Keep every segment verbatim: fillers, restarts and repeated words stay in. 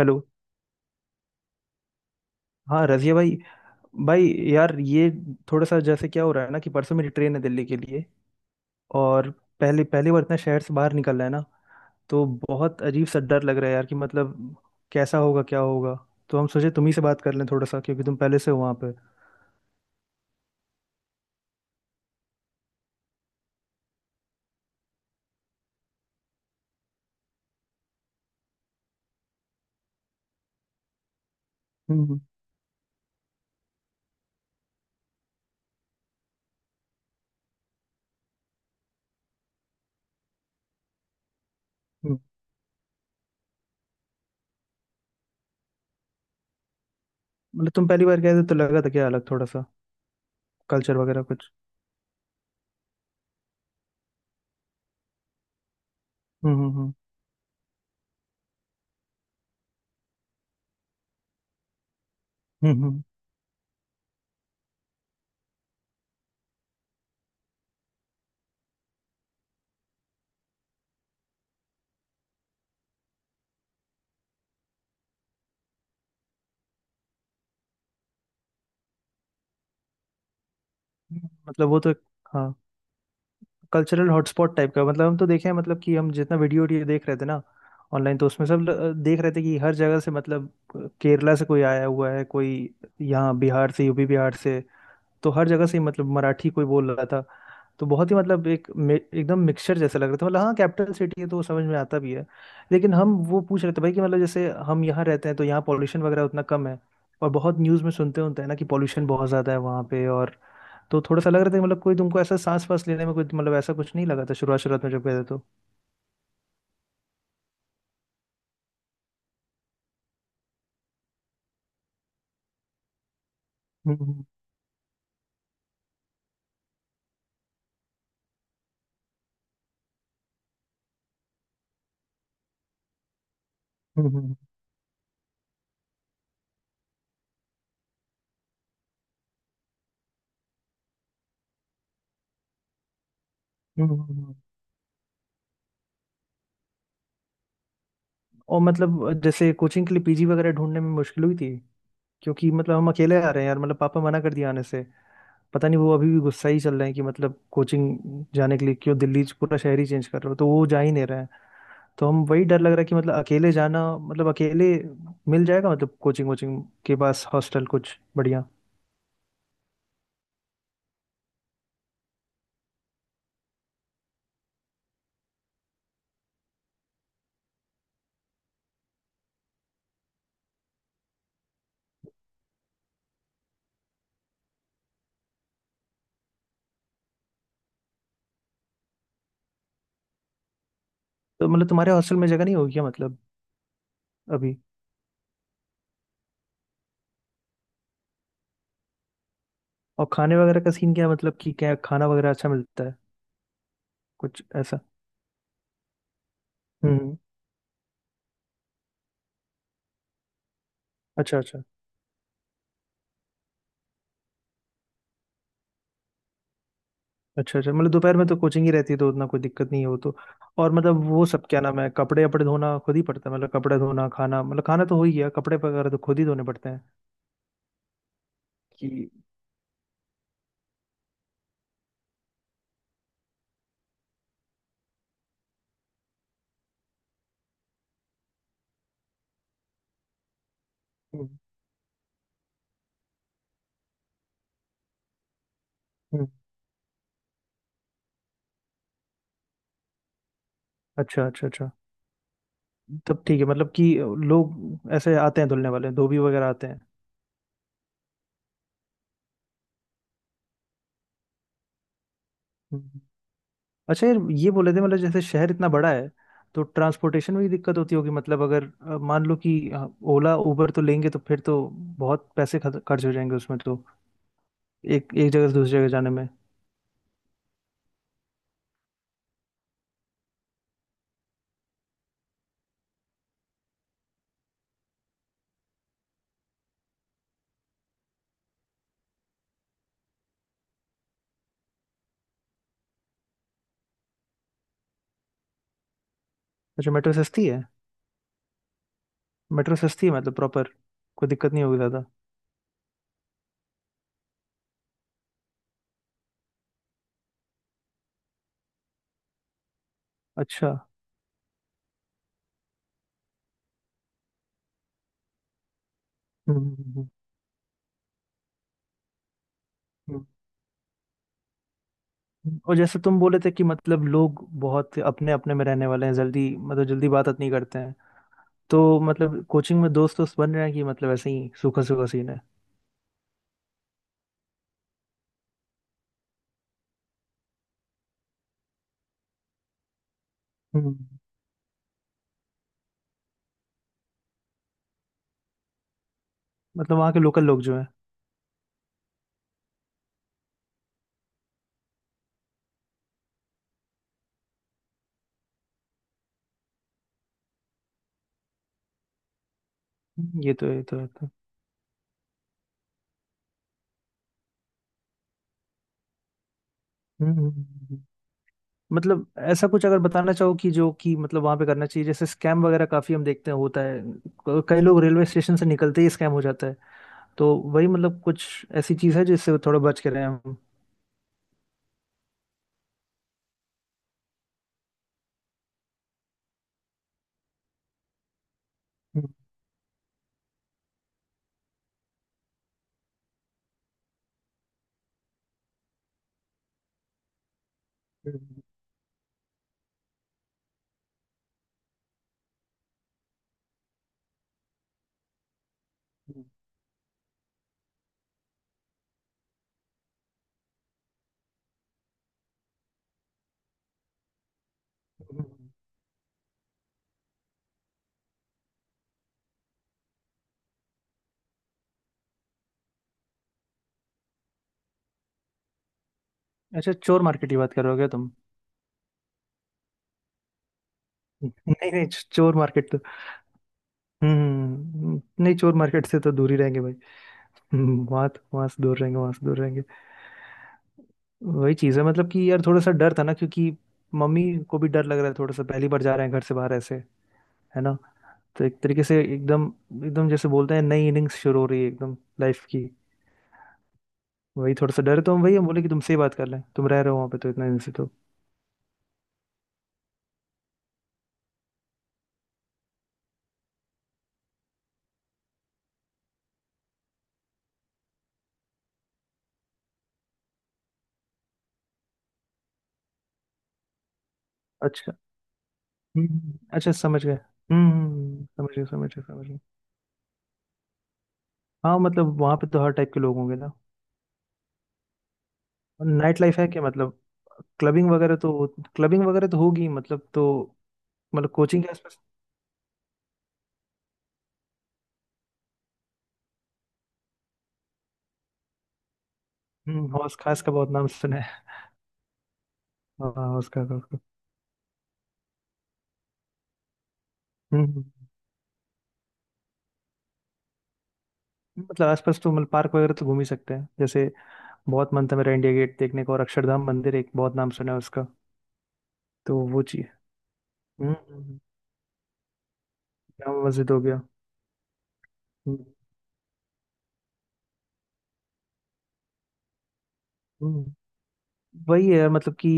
Hello. हाँ रजिया भाई। भाई, यार, ये थोड़ा सा जैसे क्या हो रहा है ना कि परसों मेरी ट्रेन है दिल्ली के लिए। और पहले पहली बार इतना शहर से बाहर निकल रहा है ना। तो बहुत अजीब सा डर लग रहा है यार कि मतलब कैसा होगा क्या होगा। तो हम सोचे तुम ही से बात कर लें थोड़ा सा क्योंकि तुम पहले से हो वहाँ पे। हम्म हम्म हम्म। मतलब तुम पहली बार गए थे तो लगा था क्या अलग थोड़ा सा कल्चर वगैरह कुछ। हम्म हम्म हम्म हम्म हम्म, हम्म। मतलब वो तो एक- हाँ कल्चरल हॉटस्पॉट टाइप का मतलब हम तो देखे हैं, मतलब कि हम जितना वीडियो वीडियो देख रहे थे ना ऑनलाइन, तो उसमें सब ल- देख रहे थे कि हर जगह से मतलब केरला से कोई आया हुआ है, कोई यहाँ बिहार से, यू पी बिहार से, तो हर जगह से ही मतलब मराठी कोई बोल रहा था। तो बहुत ही मतलब एक मे- एकदम मिक्सचर जैसा लग रहा था, मतलब हाँ कैपिटल सिटी है तो वो समझ में आता भी है। लेकिन हम वो पूछ रहे थे भाई कि मतलब जैसे हम यहाँ रहते हैं तो यहाँ पॉल्यूशन वगैरह उतना कम है, और बहुत न्यूज़ में सुनते होते हैं ना कि पॉल्यूशन बहुत ज़्यादा है वहाँ पे, और तो थोड़ा सा लग रहा था कि मतलब कोई तुमको ऐसा सांस वास लेने में कुछ, मतलब ऐसा कुछ नहीं लगा था शुरुआत शुरुआत में जब गए थे तो? हम्म हम्म हम्म, हम्म, हम्म। और मतलब जैसे कोचिंग के लिए पी जी वगैरह ढूंढने में मुश्किल हुई थी, क्योंकि मतलब हम अकेले आ रहे हैं यार, मतलब पापा मना कर दिया आने से, पता नहीं वो अभी भी गुस्सा ही चल रहे हैं कि मतलब कोचिंग जाने के लिए क्यों दिल्ली से पूरा शहर ही चेंज कर रहे हो तो वो जा ही नहीं रहे हैं। तो हम वही डर लग रहा है कि मतलब अकेले जाना, मतलब अकेले मिल जाएगा मतलब कोचिंग वोचिंग के पास हॉस्टल कुछ बढ़िया? तो मतलब तुम्हारे हॉस्टल में जगह नहीं होगी क्या मतलब? अभी? और खाने वगैरह का सीन क्या है? मतलब कि क्या खाना वगैरह अच्छा मिलता है कुछ ऐसा? हम्म। अच्छा, अच्छा, अच्छा। अच्छा, मतलब दोपहर में तो कोचिंग ही रहती है तो उतना कोई दिक्कत नहीं है वो तो। और मतलब वो सब क्या नाम है कपड़े वपड़े धोना खुद ही पड़ता है, मतलब कपड़े धोना खाना, मतलब खाना तो हो ही गया, कपड़े वगैरह तो खुद ही धोने पड़ते हैं, कि? हम्म हम्म, अच्छा अच्छा अच्छा। तब ठीक है, मतलब कि लोग ऐसे आते हैं धुलने वाले धोबी वगैरह आते हैं? अच्छा, यार ये बोले थे मतलब जैसे शहर इतना बड़ा है तो ट्रांसपोर्टेशन में भी दिक्कत होती होगी मतलब, अगर अ, मान लो कि अ, ओला उबर तो लेंगे तो फिर तो बहुत पैसे खर्च खर्च हो जाएंगे उसमें तो, एक एक जगह से दूसरी जगह जाने में। अच्छा, मेट्रो सस्ती है? मेट्रो सस्ती है मतलब प्रॉपर? कोई दिक्कत नहीं होगी ज़्यादा? अच्छा। हम्म हम्म, हम्म, हम्म, हम्म। हम्म, और जैसे तुम बोले थे कि मतलब लोग बहुत अपने अपने में रहने वाले हैं, जल्दी मतलब जल्दी बात नहीं करते हैं, तो मतलब कोचिंग में दोस्त दोस्त बन रहे हैं कि मतलब ऐसे ही सूखा सूखा सीन है? हम्म। मतलब वहाँ के लोकल लोग जो हैं? हम्म, ये तो ये तो ये तो हम्म हम्म, हम्म। हम्म। मतलब ऐसा कुछ अगर बताना चाहो कि जो कि मतलब वहां पे करना चाहिए, जैसे स्कैम वगैरह काफी हम देखते हैं होता है, क- कई लोग रेलवे स्टेशन से निकलते ही स्कैम हो जाता है, तो वही मतलब कुछ ऐसी चीज है जिससे थोड़ा बच के रहे हम? हम्म, हम्म, हम्म, हम्म, हम्म। अच्छा, चोर मार्केट की बात कर रहे हो क्या तुम? नहीं नहीं, च- चोर मार्केट तो। हम्म हम्म, हम्म, नहीं चोर मार्केट से तो दूर ही रहेंगे भाई। वहां वहां से दूर रहेंगे, वहां से दूर रहेंगे। वही चीज है मतलब कि यार थोड़ा सा डर था ना, क्योंकि मम्मी को भी डर लग रहा है थोड़ा सा, पहली बार जा रहे हैं घर से बाहर ऐसे, है ना। तो एक तरीके से एकदम एकदम जैसे बोलते हैं नई इनिंग्स शुरू हो रही है एकदम लाइफ की। वही थोड़ा सा डर है, तो हम वही हम बोले कि तुमसे ही बात कर लें, तुम रह रहे हो वहाँ पे तो इतने दिन से तो। अच्छा। हम्म हम्म, अच्छा, समझ गए। हम्म हम्म, हम्म, समझ गए, समझ गए, समझ गए। हाँ मतलब वहाँ पे तो हर टाइप के लोग होंगे ना। नाइट लाइफ है क्या मतलब? क्लबिंग वगैरह तो? क्लबिंग वगैरह तो होगी मतलब तो? मतलब कोचिंग के आसपास? हम्म, हौस खास का बहुत नाम सुना है। हाँ हाँ, उसका उसका उसका। हम्म हम्म। हम्म। मतलब आसपास तो मतलब पार्क वगैरह तो घूम ही सकते हैं जैसे। बहुत मन था मेरा इंडिया गेट देखने का, और अक्षरधाम मंदिर, एक बहुत नाम सुना है उसका। तो वो चीज। हम्म हम्म, हम्म। जामा मस्जिद हो गया। हम्म हम्म। वही है मतलब कि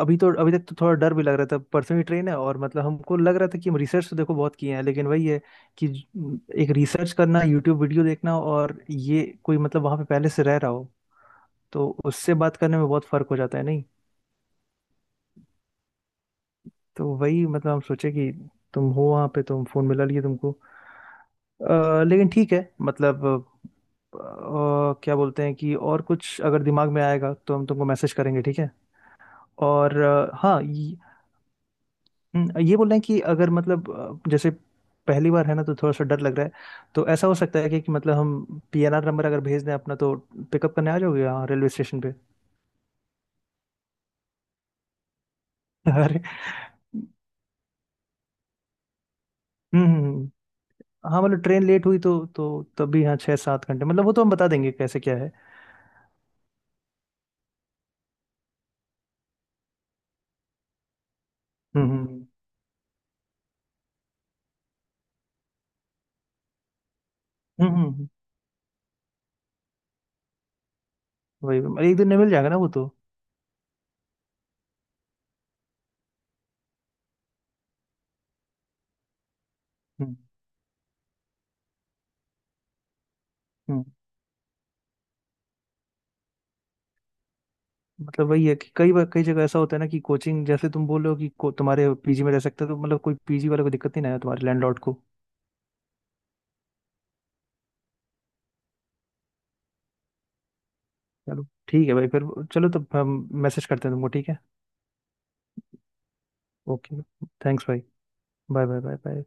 अभी तो अभी तक तो थोड़ा डर भी लग रहा था, परसों ही ट्रेन है, और मतलब हमको लग रहा था कि हम रिसर्च तो देखो बहुत किए हैं, लेकिन वही है कि एक रिसर्च करना, यूट्यूब वीडियो देखना, और ये कोई मतलब वहां पे पहले से रह रहा हो तो उससे बात करने में बहुत फर्क हो जाता है। तो वही मतलब हम सोचे कि तुम हो वहाँ पे, तुम फोन मिला लिए तुमको। अ, लेकिन ठीक है मतलब, अ, क्या बोलते हैं कि और कुछ अगर दिमाग में आएगा तो हम तुमको मैसेज करेंगे, ठीक है। और अ, हाँ ये, हम्म, ये बोल रहे हैं कि अगर मतलब, अ, जैसे पहली बार है ना तो थोड़ा सा डर लग रहा है, तो ऐसा हो सकता है कि, कि मतलब हम पी एन आर नंबर अगर भेज दें अपना तो पिकअप करने आ जाओगे यहाँ रेलवे स्टेशन पे? अरे। हम्म हम्म, हम्म। हाँ मतलब ट्रेन लेट हुई तो तो तब भी, हाँ छः सात घंटे मतलब, वो तो हम बता देंगे कैसे क्या है। हम्म हम्म हम्म हम्म, वही वही। मतलब एक दिन में मिल जाएगा ना वो तो? हम्म हम्म। मतलब वही है कि कई बार कई जगह ऐसा होता है ना कि कोचिंग जैसे तुम बोल रहे हो कि को, तुम्हारे पी जी में रह सकते हो तो मतलब कोई पी जी वाले को दिक्कत नहीं ना है तुम्हारे लैंडलॉर्ड को? चलो ठीक है भाई फिर। चलो तब हम मैसेज करते हैं तुमको, ठीक है। ओके। थैंक्स भाई। Bye bye bye bye.